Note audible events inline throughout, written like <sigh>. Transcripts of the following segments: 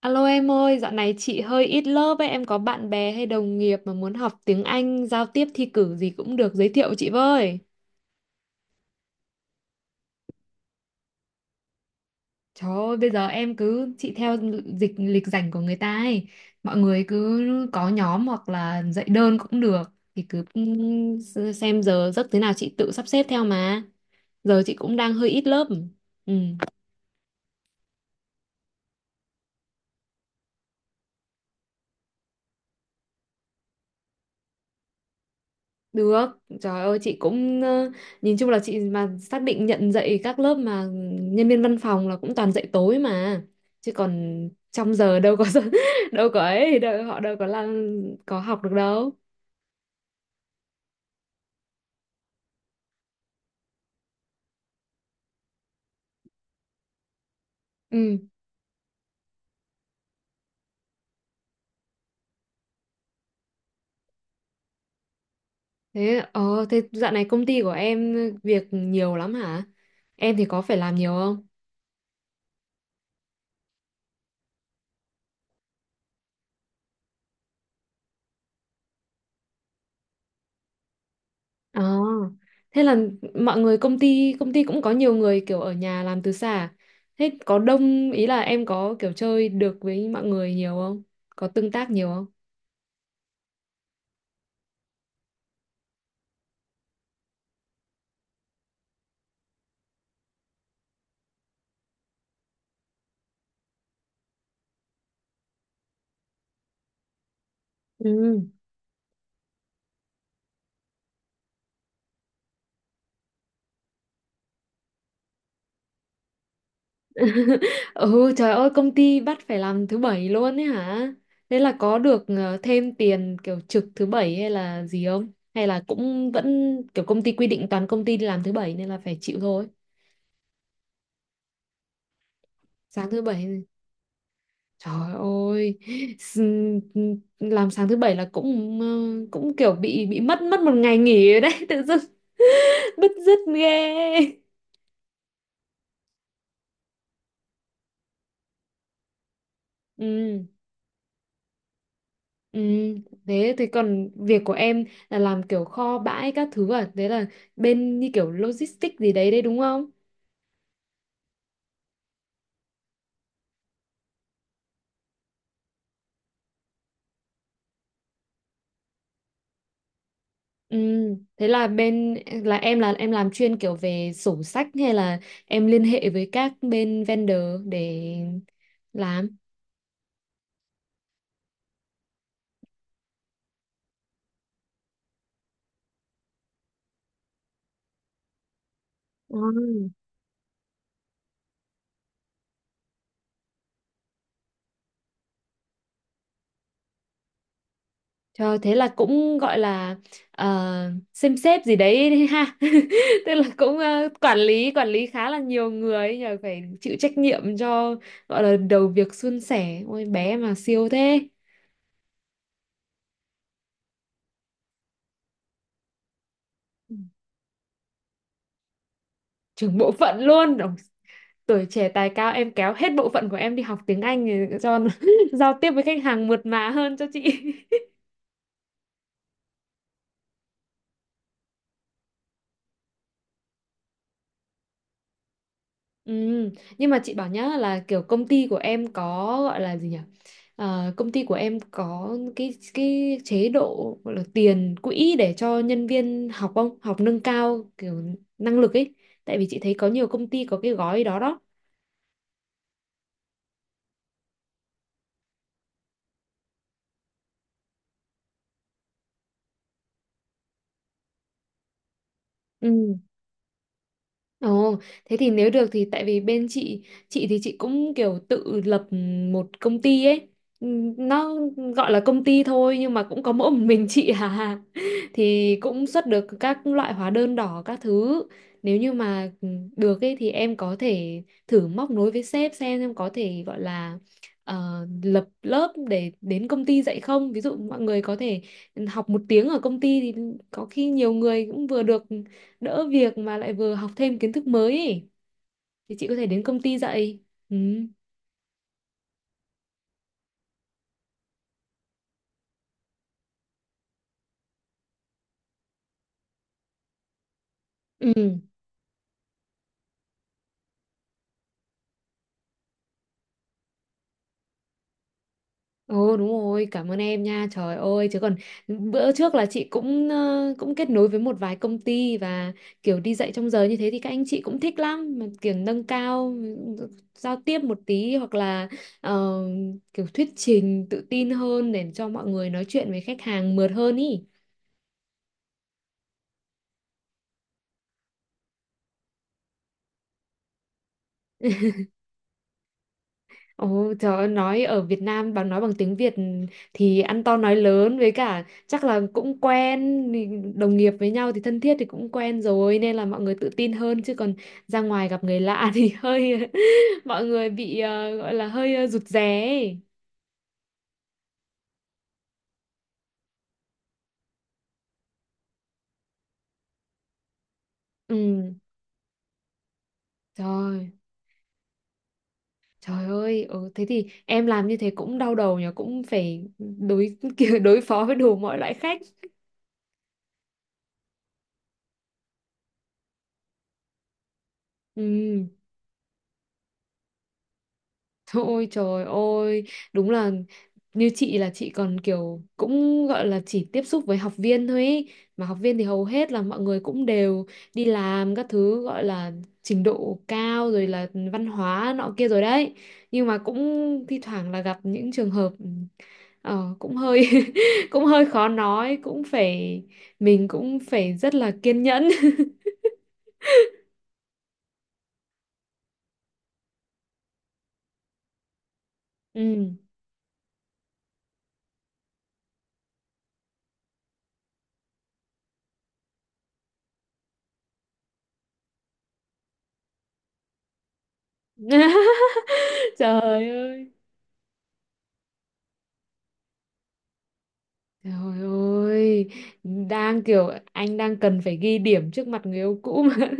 Alo em ơi, dạo này chị hơi ít lớp ấy, em có bạn bè hay đồng nghiệp mà muốn học tiếng Anh, giao tiếp thi cử gì cũng được giới thiệu chị với. Trời ơi, bây giờ em cứ chị theo dịch lịch rảnh của người ta ấy, mọi người cứ có nhóm hoặc là dạy đơn cũng được, thì cứ xem giờ giấc thế nào chị tự sắp xếp theo mà. Giờ chị cũng đang hơi ít lớp. Ừ. Được, trời ơi chị cũng nhìn chung là chị mà xác định nhận dạy các lớp mà nhân viên văn phòng là cũng toàn dạy tối mà. Chứ còn trong giờ đâu có <laughs> đâu có ấy, đâu, họ đâu có làm có học được đâu. Ừ, thế thế dạo này công ty của em việc nhiều lắm hả? Em thì có phải làm nhiều không? Ờ, thế là mọi người công ty cũng có nhiều người kiểu ở nhà làm từ xa à? Thế có đông ý là em có kiểu chơi được với mọi người nhiều không? Có tương tác nhiều không? Ừ. <laughs> Ừ, trời ơi công ty bắt phải làm thứ bảy luôn ấy hả? Thế là có được thêm tiền kiểu trực thứ bảy hay là gì không? Hay là cũng vẫn kiểu công ty quy định toàn công ty đi làm thứ bảy nên là phải chịu thôi. Sáng thứ bảy. Trời ơi, s- làm sáng thứ bảy là cũng cũng kiểu bị mất mất một ngày nghỉ ở đấy <laughs> tự dưng bứt rứt ghê. Ừ, ừ, thế thì còn việc của em là làm kiểu kho bãi các thứ à, thế là bên như kiểu logistics gì đấy đấy đúng không? Ừ, thế là bên là em làm chuyên kiểu về sổ sách hay là em liên hệ với các bên vendor để làm? Ừ. Trời, thế là cũng gọi là xem xếp gì đấy đấy ha. <laughs> Tức là cũng quản lý khá là nhiều người ấy nhờ phải chịu trách nhiệm cho gọi là đầu việc suôn sẻ. Ôi bé mà siêu thế. Ừ. Trưởng bộ phận luôn. Ôi, tuổi trẻ tài cao em kéo hết bộ phận của em đi học tiếng Anh để cho nó <laughs> giao tiếp với khách hàng mượt mà hơn cho chị. Ừ, nhưng mà chị bảo nhá là kiểu công ty của em có gọi là gì nhỉ? Ờ, công ty của em có cái chế độ gọi là tiền quỹ để cho nhân viên học không? Học nâng cao kiểu năng lực ấy. Tại vì chị thấy có nhiều công ty có cái gói đó đó. Ừ. Ồ, thế thì nếu được thì tại vì bên chị thì chị cũng kiểu tự lập một công ty ấy. Nó gọi là công ty thôi nhưng mà cũng có mỗi một mình chị à <laughs> thì cũng xuất được các loại hóa đơn đỏ các thứ, nếu như mà được ấy thì em có thể thử móc nối với sếp xem em có thể gọi là lập lớp để đến công ty dạy không, ví dụ mọi người có thể học một tiếng ở công ty thì có khi nhiều người cũng vừa được đỡ việc mà lại vừa học thêm kiến thức mới ấy. Thì chị có thể đến công ty dạy. Ừ. Ừ. Ồ đúng rồi, cảm ơn em nha. Trời ơi, chứ còn bữa trước là chị cũng cũng kết nối với một vài công ty và kiểu đi dạy trong giờ như thế thì các anh chị cũng thích lắm mà kiểu nâng cao giao tiếp một tí hoặc là ờ, kiểu thuyết trình tự tin hơn để cho mọi người nói chuyện với khách hàng mượt hơn ý. Ồ, trời ơi, nói ở Việt Nam bằng nói bằng tiếng Việt thì ăn to nói lớn với cả chắc là cũng quen thì đồng nghiệp với nhau thì thân thiết thì cũng quen rồi nên là mọi người tự tin hơn chứ còn ra ngoài gặp người lạ thì <laughs> hơi mọi người bị gọi là hơi rụt rè ấy. Ừ, trời, trời ơi, ừ, thế thì em làm như thế cũng đau đầu nhỉ, cũng phải đối <laughs> kiểu đối phó với đủ mọi loại khách. Ừ. Thôi trời ơi, đúng là như chị là chị còn kiểu cũng gọi là chỉ tiếp xúc với học viên thôi ý. Mà học viên thì hầu hết là mọi người cũng đều đi làm các thứ gọi là trình độ cao rồi là văn hóa nọ kia rồi đấy. Nhưng mà cũng thi thoảng là gặp những trường hợp cũng hơi <laughs> cũng hơi khó nói, cũng phải mình cũng phải rất là kiên nhẫn. <laughs> Ừ. <laughs> Trời ơi. Trời ơi, đang kiểu anh đang cần phải ghi điểm trước mặt người yêu cũ mà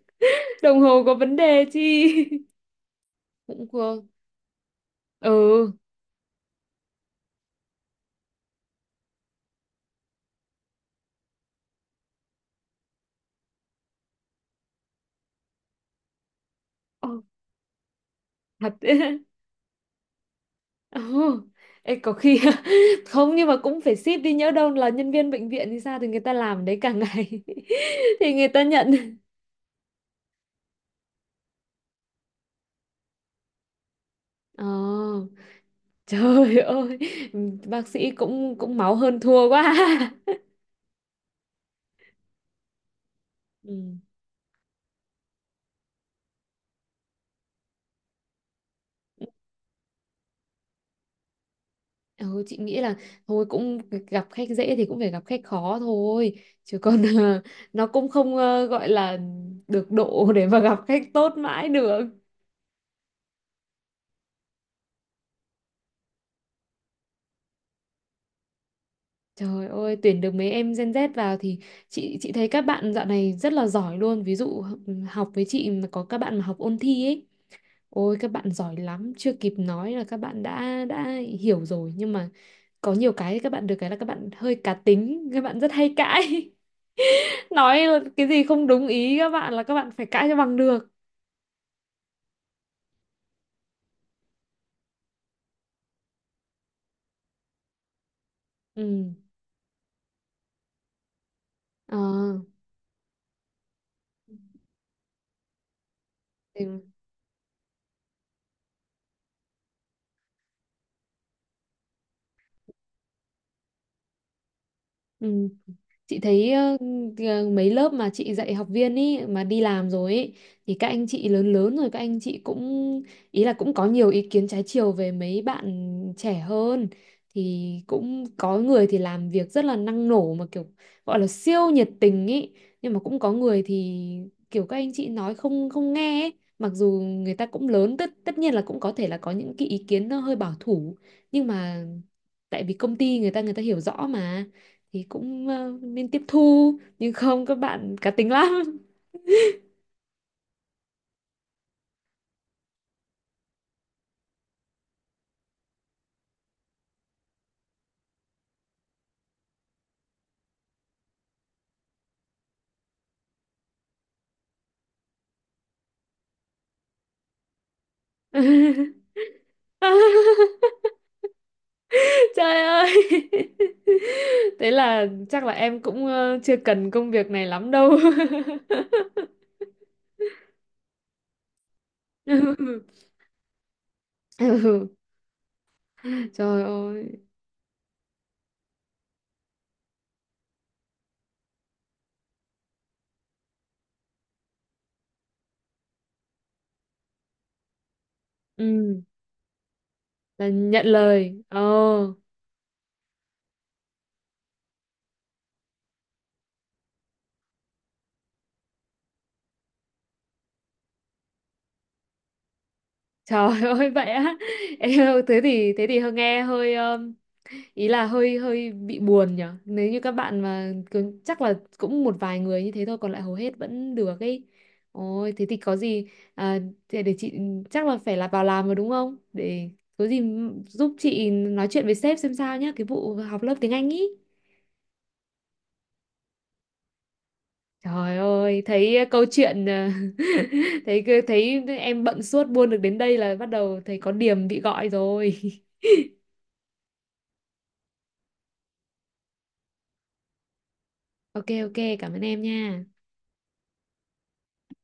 <laughs> đồng hồ có vấn đề chi cũng quơ. Ừ. Ồ, thật <laughs> đấy. Ừ. Ê, có khi <laughs> không nhưng mà cũng phải ship đi nhỡ đâu là nhân viên bệnh viện thì sao thì người ta làm đấy cả ngày <laughs> thì người ta nhận. Ờ, trời ơi, bác sĩ cũng cũng máu hơn thua quá. <laughs> Ừ. Ừ, chị nghĩ là thôi cũng gặp khách dễ thì cũng phải gặp khách khó thôi chứ còn <laughs> nó cũng không gọi là được độ <laughs> để mà gặp khách tốt mãi được. Trời ơi tuyển được mấy em Gen Z vào thì chị thấy các bạn dạo này rất là giỏi luôn, ví dụ học với chị mà có các bạn mà học ôn thi ấy, ôi các bạn giỏi lắm chưa kịp nói là các bạn đã hiểu rồi nhưng mà có nhiều cái các bạn được cái là các bạn hơi cá tính, các bạn rất hay cãi. <laughs> Nói cái gì không đúng ý các bạn là các bạn phải cãi cho bằng được. Ừ. Ờ thì, ừ. Chị thấy mấy lớp mà chị dạy học viên ý mà đi làm rồi ý, thì các anh chị lớn lớn rồi các anh chị cũng ý là cũng có nhiều ý kiến trái chiều về mấy bạn trẻ hơn, thì cũng có người thì làm việc rất là năng nổ mà kiểu gọi là siêu nhiệt tình ý, nhưng mà cũng có người thì kiểu các anh chị nói không không nghe ấy. Mặc dù người ta cũng lớn tất, tất nhiên là cũng có thể là có những cái ý kiến nó hơi bảo thủ nhưng mà tại vì công ty người ta hiểu rõ mà thì cũng nên tiếp thu nhưng không các bạn cá tính lắm. <laughs> Trời ơi <laughs> thế là chắc là em cũng chưa cần công việc này lắm đâu. <laughs> Ừ. Trời ơi. Ừ, là nhận lời. Ờ. Trời <laughs> ơi vậy á. Em thế thì hơi nghe hơi ý là hơi hơi bị buồn nhở. Nếu như các bạn mà cứ, chắc là cũng một vài người như thế thôi còn lại hầu hết vẫn được ấy. Ôi thế thì có gì à, để chị chắc là phải là vào làm rồi đúng không? Để có gì giúp chị nói chuyện với sếp xem sao nhá, cái vụ học lớp tiếng Anh ý. Trời ơi, thấy câu chuyện <laughs> thấy thấy em bận suốt buôn được đến đây là bắt đầu thấy có điểm bị gọi rồi. <laughs> Ok ok cảm ơn em nha